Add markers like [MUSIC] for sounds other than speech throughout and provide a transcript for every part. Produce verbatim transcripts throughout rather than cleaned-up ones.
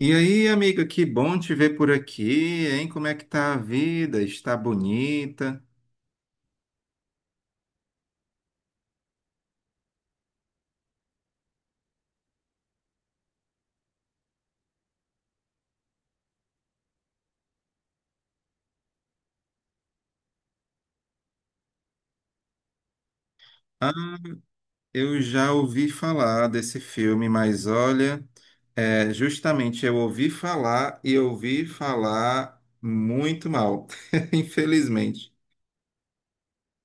E aí, amiga, que bom te ver por aqui, hein? Como é que tá a vida? Está bonita? Ah, eu já ouvi falar desse filme, mas olha, é, justamente eu ouvi falar e ouvi falar muito mal, [LAUGHS] infelizmente.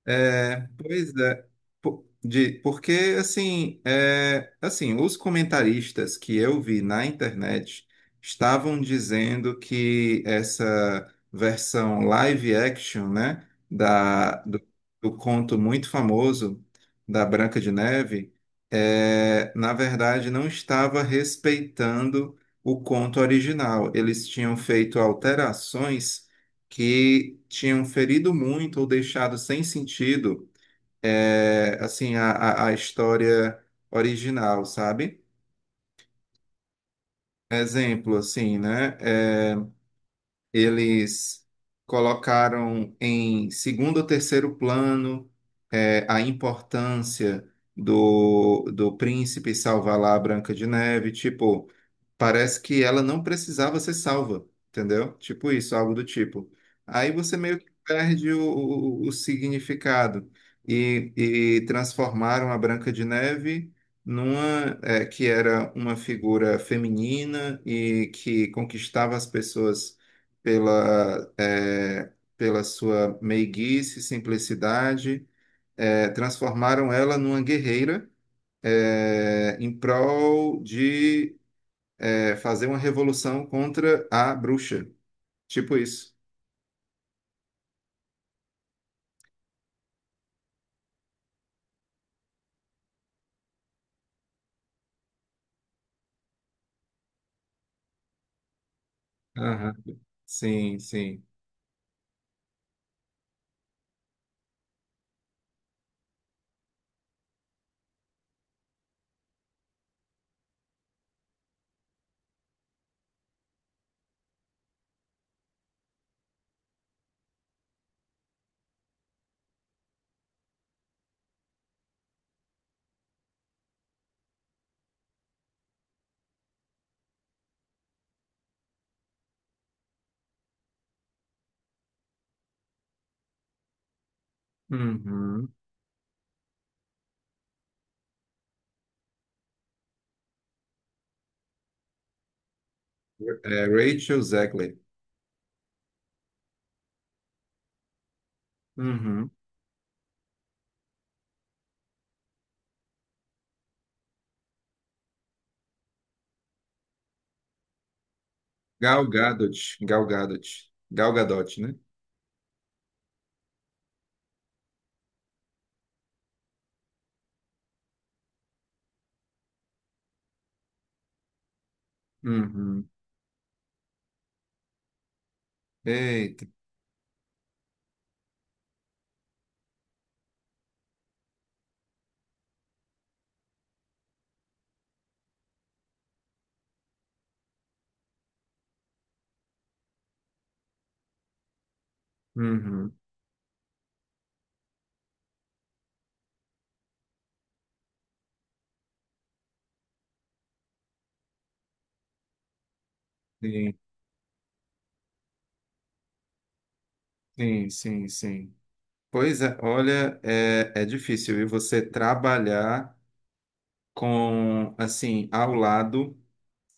É, pois é. Po- de- porque, assim, é, assim, os comentaristas que eu vi na internet estavam dizendo que essa versão live action, né, da, do, do conto muito famoso da Branca de Neve, é, na verdade, não estava respeitando o conto original. Eles tinham feito alterações que tinham ferido muito ou deixado sem sentido, é, assim a, a, a história original, sabe? Exemplo, assim, né? Eh, Eles colocaram em segundo ou terceiro plano, eh, a importância do, do príncipe salvar lá a Branca de Neve. Tipo, parece que ela não precisava ser salva, entendeu? Tipo isso, algo do tipo. Aí você meio que perde o, o, o significado e, e transformaram a Branca de Neve numa eh, que era uma figura feminina e que conquistava as pessoas pela, eh, pela sua meiguice, simplicidade, eh, transformaram ela numa guerreira, eh, em prol de, eh, fazer uma revolução contra a bruxa. Tipo isso. Aham. Sim, sim. Uhum. É, Rachel Zegler. Uhum. Gal Gadot. Gal Gadot. Gal Gadot, né? Uhum. Eita. Uhum. Sim, sim, sim, sim. Pois é, olha, é, é difícil, viu? Você trabalhar com, assim, ao lado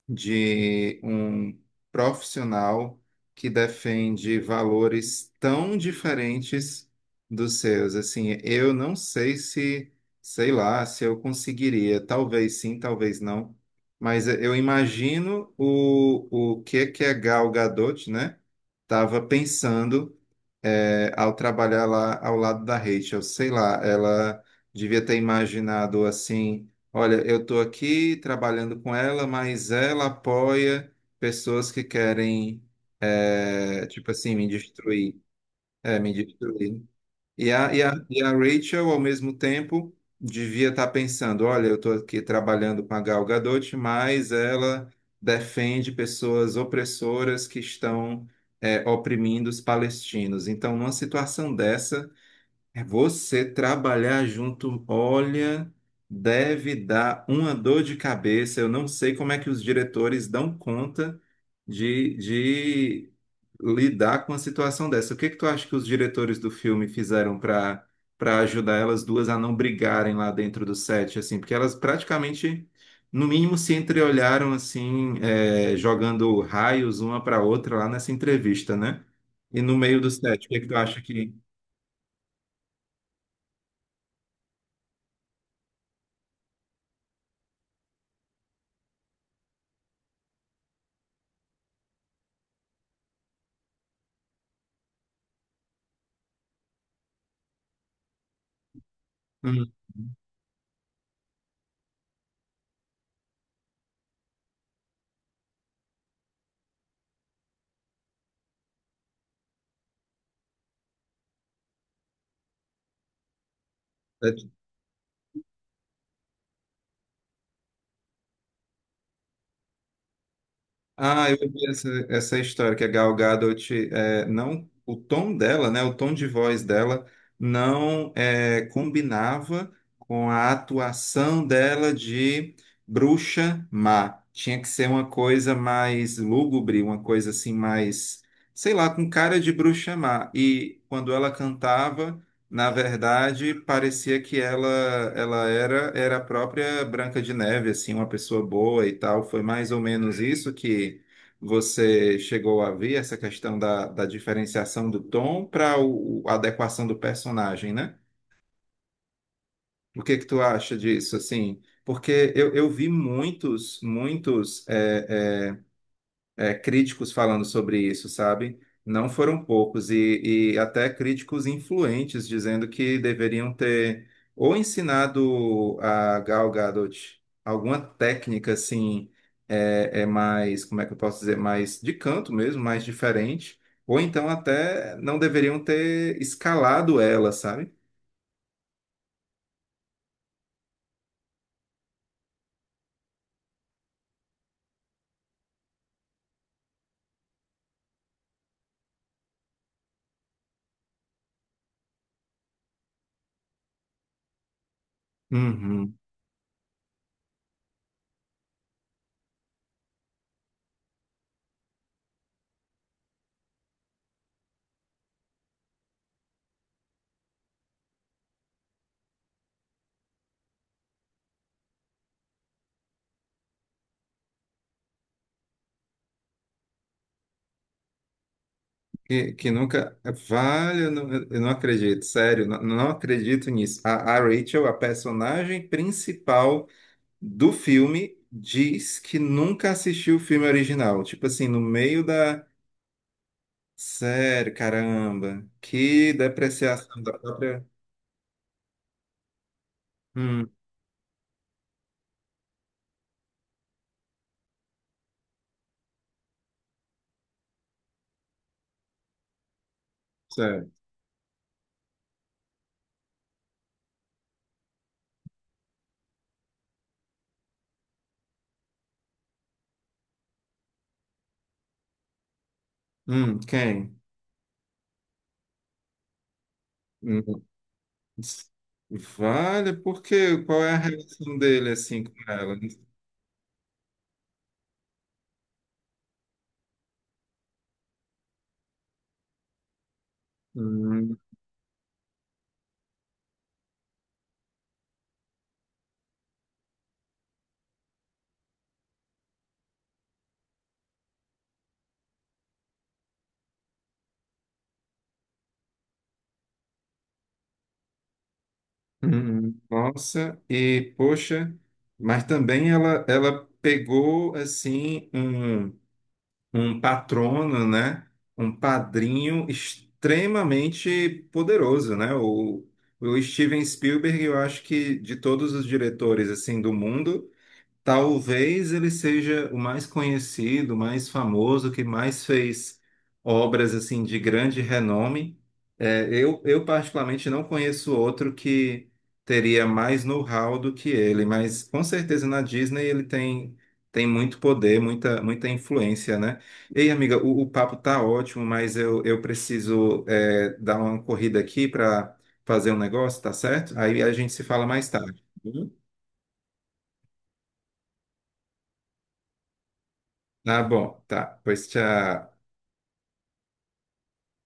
de um profissional que defende valores tão diferentes dos seus. Assim, eu não sei se, sei lá, se eu conseguiria. Talvez sim, talvez não. Mas eu imagino o, o que que a Gal Gadot, né? Estava pensando, é, ao trabalhar lá ao lado da Rachel. Sei lá, ela devia ter imaginado assim: olha, eu estou aqui trabalhando com ela, mas ela apoia pessoas que querem, é, tipo assim, me destruir. É, me destruir. E a, e a, e a Rachel, ao mesmo tempo, devia estar pensando: olha, eu estou aqui trabalhando com a Gal Gadot, mas ela defende pessoas opressoras que estão, é, oprimindo os palestinos. Então, numa situação dessa. É. Você trabalhar junto, olha, deve dar uma dor de cabeça. Eu não sei como é que os diretores dão conta de, de lidar com a situação dessa. O que que tu acha que os diretores do filme fizeram para para ajudar elas duas a não brigarem lá dentro do set, assim? Porque elas praticamente, no mínimo, se entreolharam assim, é, jogando raios uma para outra lá nessa entrevista, né? E no meio do set, o que que tu acha que... Hum. É. Ah, eu vi essa, essa história que a Gal Gadot, é, não, o tom dela, né, o tom de voz dela não é, combinava com a atuação dela de bruxa má. Tinha que ser uma coisa mais lúgubre, uma coisa assim mais, sei lá, com cara de bruxa má. E quando ela cantava, na verdade, parecia que ela... ela era era a própria Branca de Neve, assim, uma pessoa boa e tal. Foi mais ou menos isso que você chegou a ver, essa questão da, da diferenciação do tom para a adequação do personagem, né? O que que tu acha disso, assim? Porque eu, eu vi muitos, muitos eh, eh, é, críticos falando sobre isso, sabe? Não foram poucos, e, e até críticos influentes dizendo que deveriam ter ou ensinado a Gal Gadot alguma técnica assim, é, é mais, como é que eu posso dizer, mais de canto mesmo, mais diferente, ou então até não deveriam ter escalado ela, sabe? Uhum. Que, que nunca. Vale, eu não, eu não acredito, sério, não, não acredito nisso. A, a Rachel, a personagem principal do filme, diz que nunca assistiu o filme original. Tipo assim, no meio da. Sério, caramba, que depreciação da própria. Hum, sério. Hum, quem? Hum. Vale, por quê? Qual é a relação dele assim com ela? Hum. Uhum. Nossa, e poxa, mas também ela, ela pegou assim um, um patrono, né? Um padrinho extremamente poderoso, né? O, o Steven Spielberg, eu acho que de todos os diretores assim do mundo, talvez ele seja o mais conhecido, o mais famoso, que mais fez obras assim de grande renome. É, eu, eu particularmente não conheço outro que teria mais know-how do que ele, mas com certeza na Disney ele tem, tem muito poder, muita, muita influência, né? Ei, amiga, o, o papo tá ótimo, mas eu, eu preciso, é, dar uma corrida aqui para fazer um negócio, tá certo? Aí a gente se fala mais tarde. Tá bom, tá. Pois tchau.